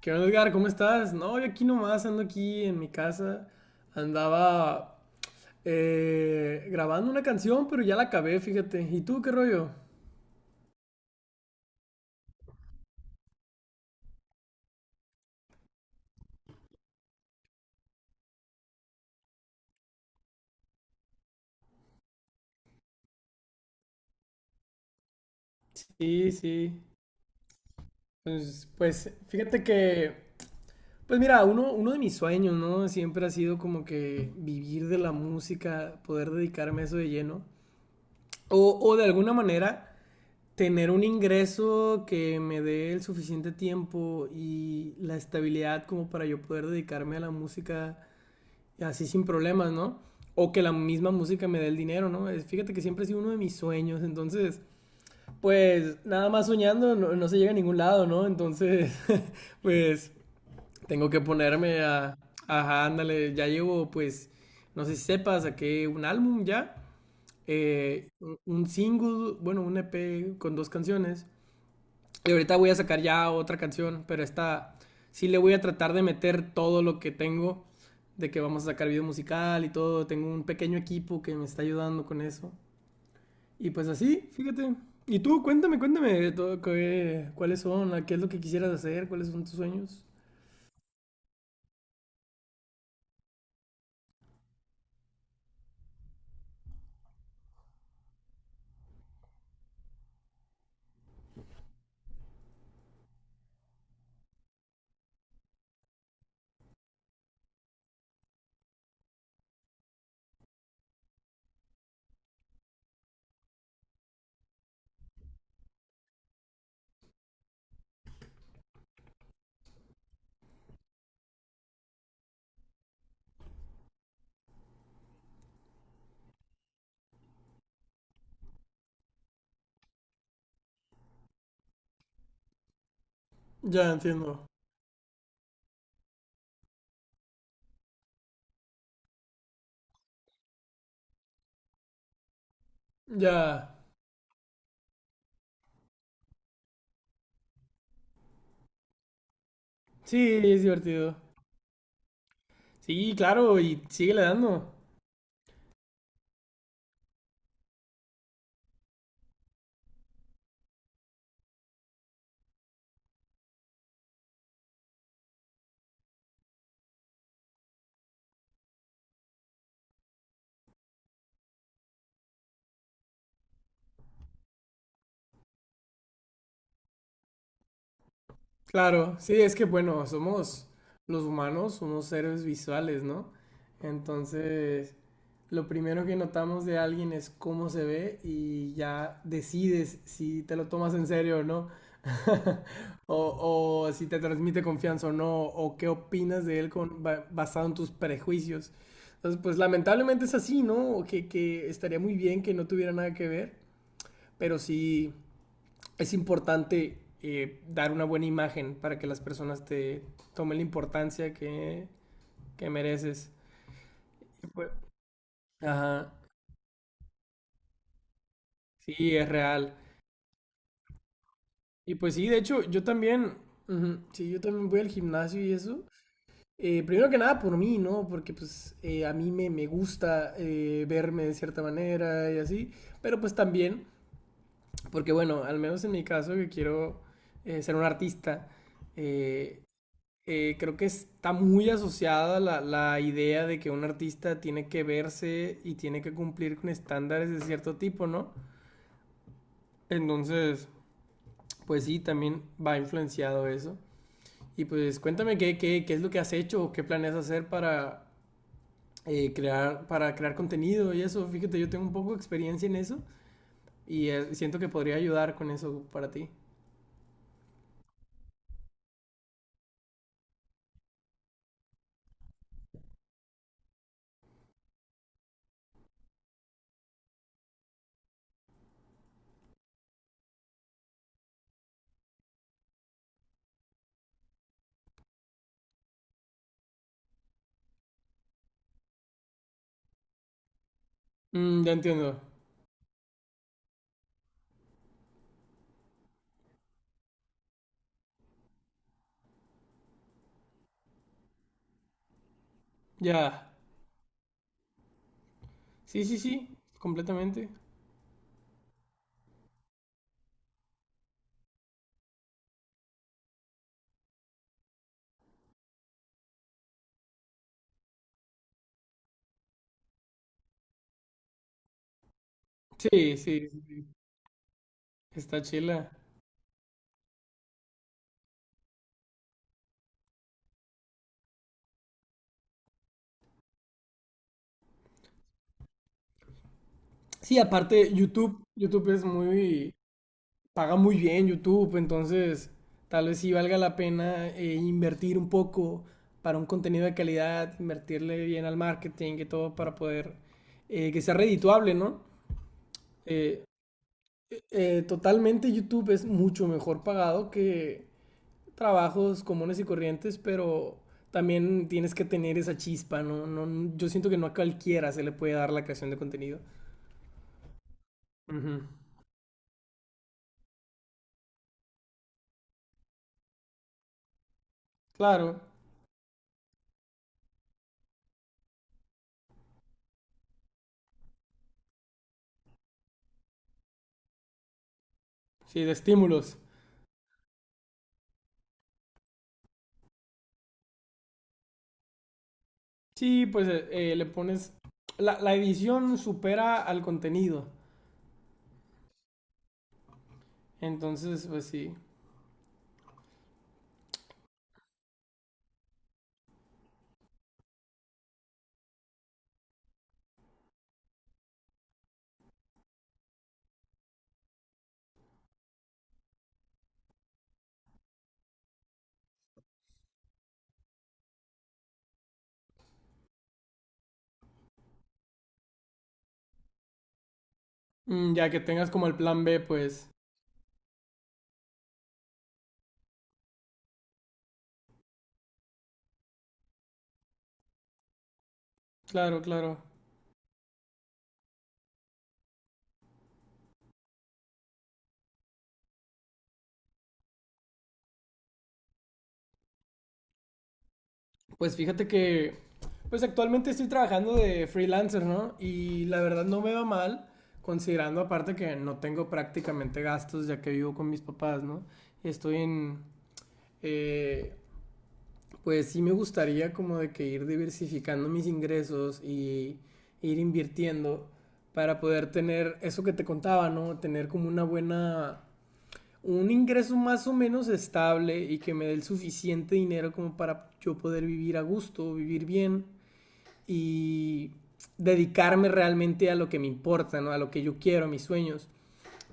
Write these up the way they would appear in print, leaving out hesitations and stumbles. ¿Qué onda, Edgar? ¿Cómo estás? No, yo aquí nomás ando aquí en mi casa. Andaba grabando una canción, pero ya la acabé, fíjate. ¿Y tú qué rollo? Sí, sí. Pues, fíjate que, pues mira, uno de mis sueños, ¿no? Siempre ha sido como que vivir de la música, poder dedicarme a eso de lleno. O de alguna manera tener un ingreso que me dé el suficiente tiempo y la estabilidad como para yo poder dedicarme a la música así sin problemas, ¿no? O que la misma música me dé el dinero, ¿no? Fíjate que siempre ha sido uno de mis sueños, entonces, pues nada más soñando no se llega a ningún lado, ¿no? Entonces, pues tengo que ponerme a... Ajá, ándale, ya llevo pues, no sé si sepas, saqué un álbum ya, un single, bueno, un EP con dos canciones y ahorita voy a sacar ya otra canción, pero esta sí le voy a tratar de meter todo lo que tengo, de que vamos a sacar video musical y todo. Tengo un pequeño equipo que me está ayudando con eso. Y pues así, fíjate. Y tú, cuéntame, cuéntame, todo, cuáles son, qué es lo que quisieras hacer, cuáles son tus sueños. Ya entiendo. Ya. Sí, es divertido. Sí, claro, y sigue le dando. Claro, sí, es que bueno, somos los humanos, somos seres visuales, ¿no? Entonces, lo primero que notamos de alguien es cómo se ve y ya decides si te lo tomas en serio o no, o si te transmite confianza o no, o qué opinas de él basado en tus prejuicios. Entonces, pues lamentablemente es así, ¿no? Que estaría muy bien que no tuviera nada que ver, pero sí, es importante dar una buena imagen para que las personas te tomen la importancia que mereces. Pues, ajá, sí, es real. Y pues sí, de hecho, yo también, uh -huh, sí, yo también voy al gimnasio y eso. Primero que nada por mí, ¿no? Porque pues a mí me, me gusta verme de cierta manera y así. Pero pues también, porque bueno, al menos en mi caso, que quiero ser un artista, eh, creo que está muy asociada la, la idea de que un artista tiene que verse y tiene que cumplir con estándares de cierto tipo, ¿no? Entonces, pues sí, también va influenciado eso. Y pues cuéntame qué, qué, qué es lo que has hecho o qué planeas hacer para, para crear contenido y eso. Fíjate, yo tengo un poco de experiencia en eso y siento que podría ayudar con eso para ti. Mm, ya entiendo. Ya. Sí, sí, sí, completamente. Sí, sí, sí. Sí. Está chila. Sí, aparte YouTube es muy, paga muy bien YouTube, entonces tal vez sí valga la pena invertir un poco para un contenido de calidad, invertirle bien al marketing y todo para poder que sea redituable, ¿no? Eh, totalmente YouTube es mucho mejor pagado que trabajos comunes y corrientes, pero también tienes que tener esa chispa, ¿no? No, yo siento que no a cualquiera se le puede dar la creación de contenido. Ujú. Claro, sí, de estímulos. Sí, pues le pones... La edición supera al contenido. Entonces, pues sí. Mm, ya que tengas como el plan B, pues... Claro, claro. Pues fíjate que... Pues actualmente estoy trabajando de freelancer, ¿no? Y la verdad no me va mal, considerando aparte que no tengo prácticamente gastos ya que vivo con mis papás, ¿no? Y estoy en... eh, pues sí me gustaría como de que ir diversificando mis ingresos y ir invirtiendo para poder tener eso que te contaba, ¿no? Tener como una buena, un ingreso más o menos estable y que me dé el suficiente dinero como para yo poder vivir a gusto, vivir bien y dedicarme realmente a lo que me importa, ¿no? A lo que yo quiero, a mis sueños.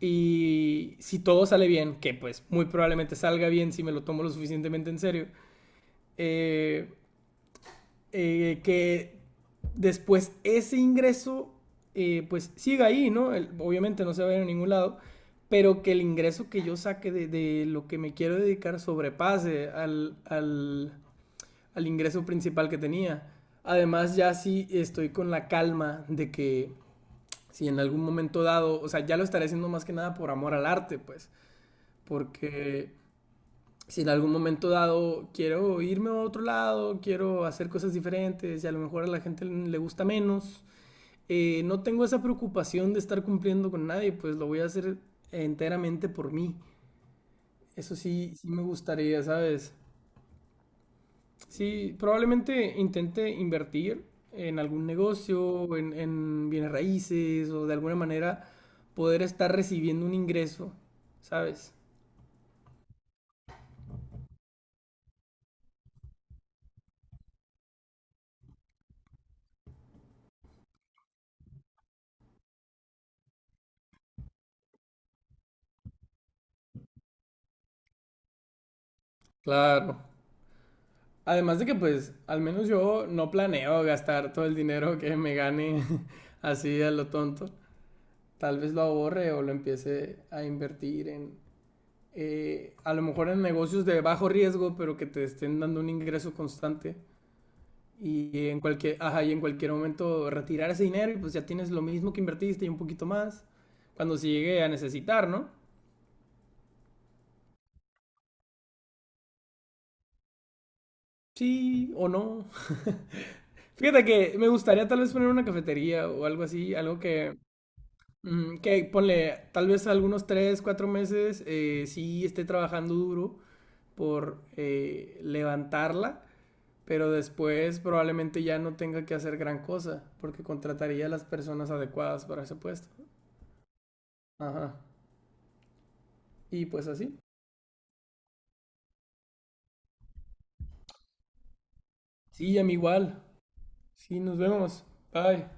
Y si todo sale bien, que pues muy probablemente salga bien si me lo tomo lo suficientemente en serio, eh, que después ese ingreso pues siga ahí, ¿no? El- obviamente no se va a ir a ningún lado, pero que el ingreso que yo saque de lo que me quiero dedicar sobrepase al ingreso principal que tenía. Además, ya sí estoy con la calma de que si en algún momento dado, o sea, ya lo estaré haciendo más que nada por amor al arte, pues, porque si en algún momento dado quiero irme a otro lado, quiero hacer cosas diferentes y a lo mejor a la gente le gusta menos, no tengo esa preocupación de estar cumpliendo con nadie, pues lo voy a hacer enteramente por mí. Eso sí, sí me gustaría, ¿sabes? Sí, probablemente intente invertir en algún negocio, en bienes raíces o de alguna manera poder estar recibiendo un ingreso, ¿sabes? Claro. Además de que pues al menos yo no planeo gastar todo el dinero que me gane así a lo tonto. Tal vez lo ahorre o lo empiece a invertir en, a lo mejor en negocios de bajo riesgo, pero que te estén dando un ingreso constante. Y en cualquier, ajá, y en cualquier momento retirar ese dinero y pues ya tienes lo mismo que invertiste y un poquito más. Cuando se llegue a necesitar, ¿no? Sí o no. Fíjate que me gustaría tal vez poner una cafetería o algo así, algo que ujú, que ponle, tal vez algunos tres, cuatro meses, sí esté trabajando duro por levantarla, pero después probablemente ya no tenga que hacer gran cosa, porque contrataría a las personas adecuadas para ese puesto. Ajá. Y pues así. Sí, a mí igual. Sí, nos vemos. Bye.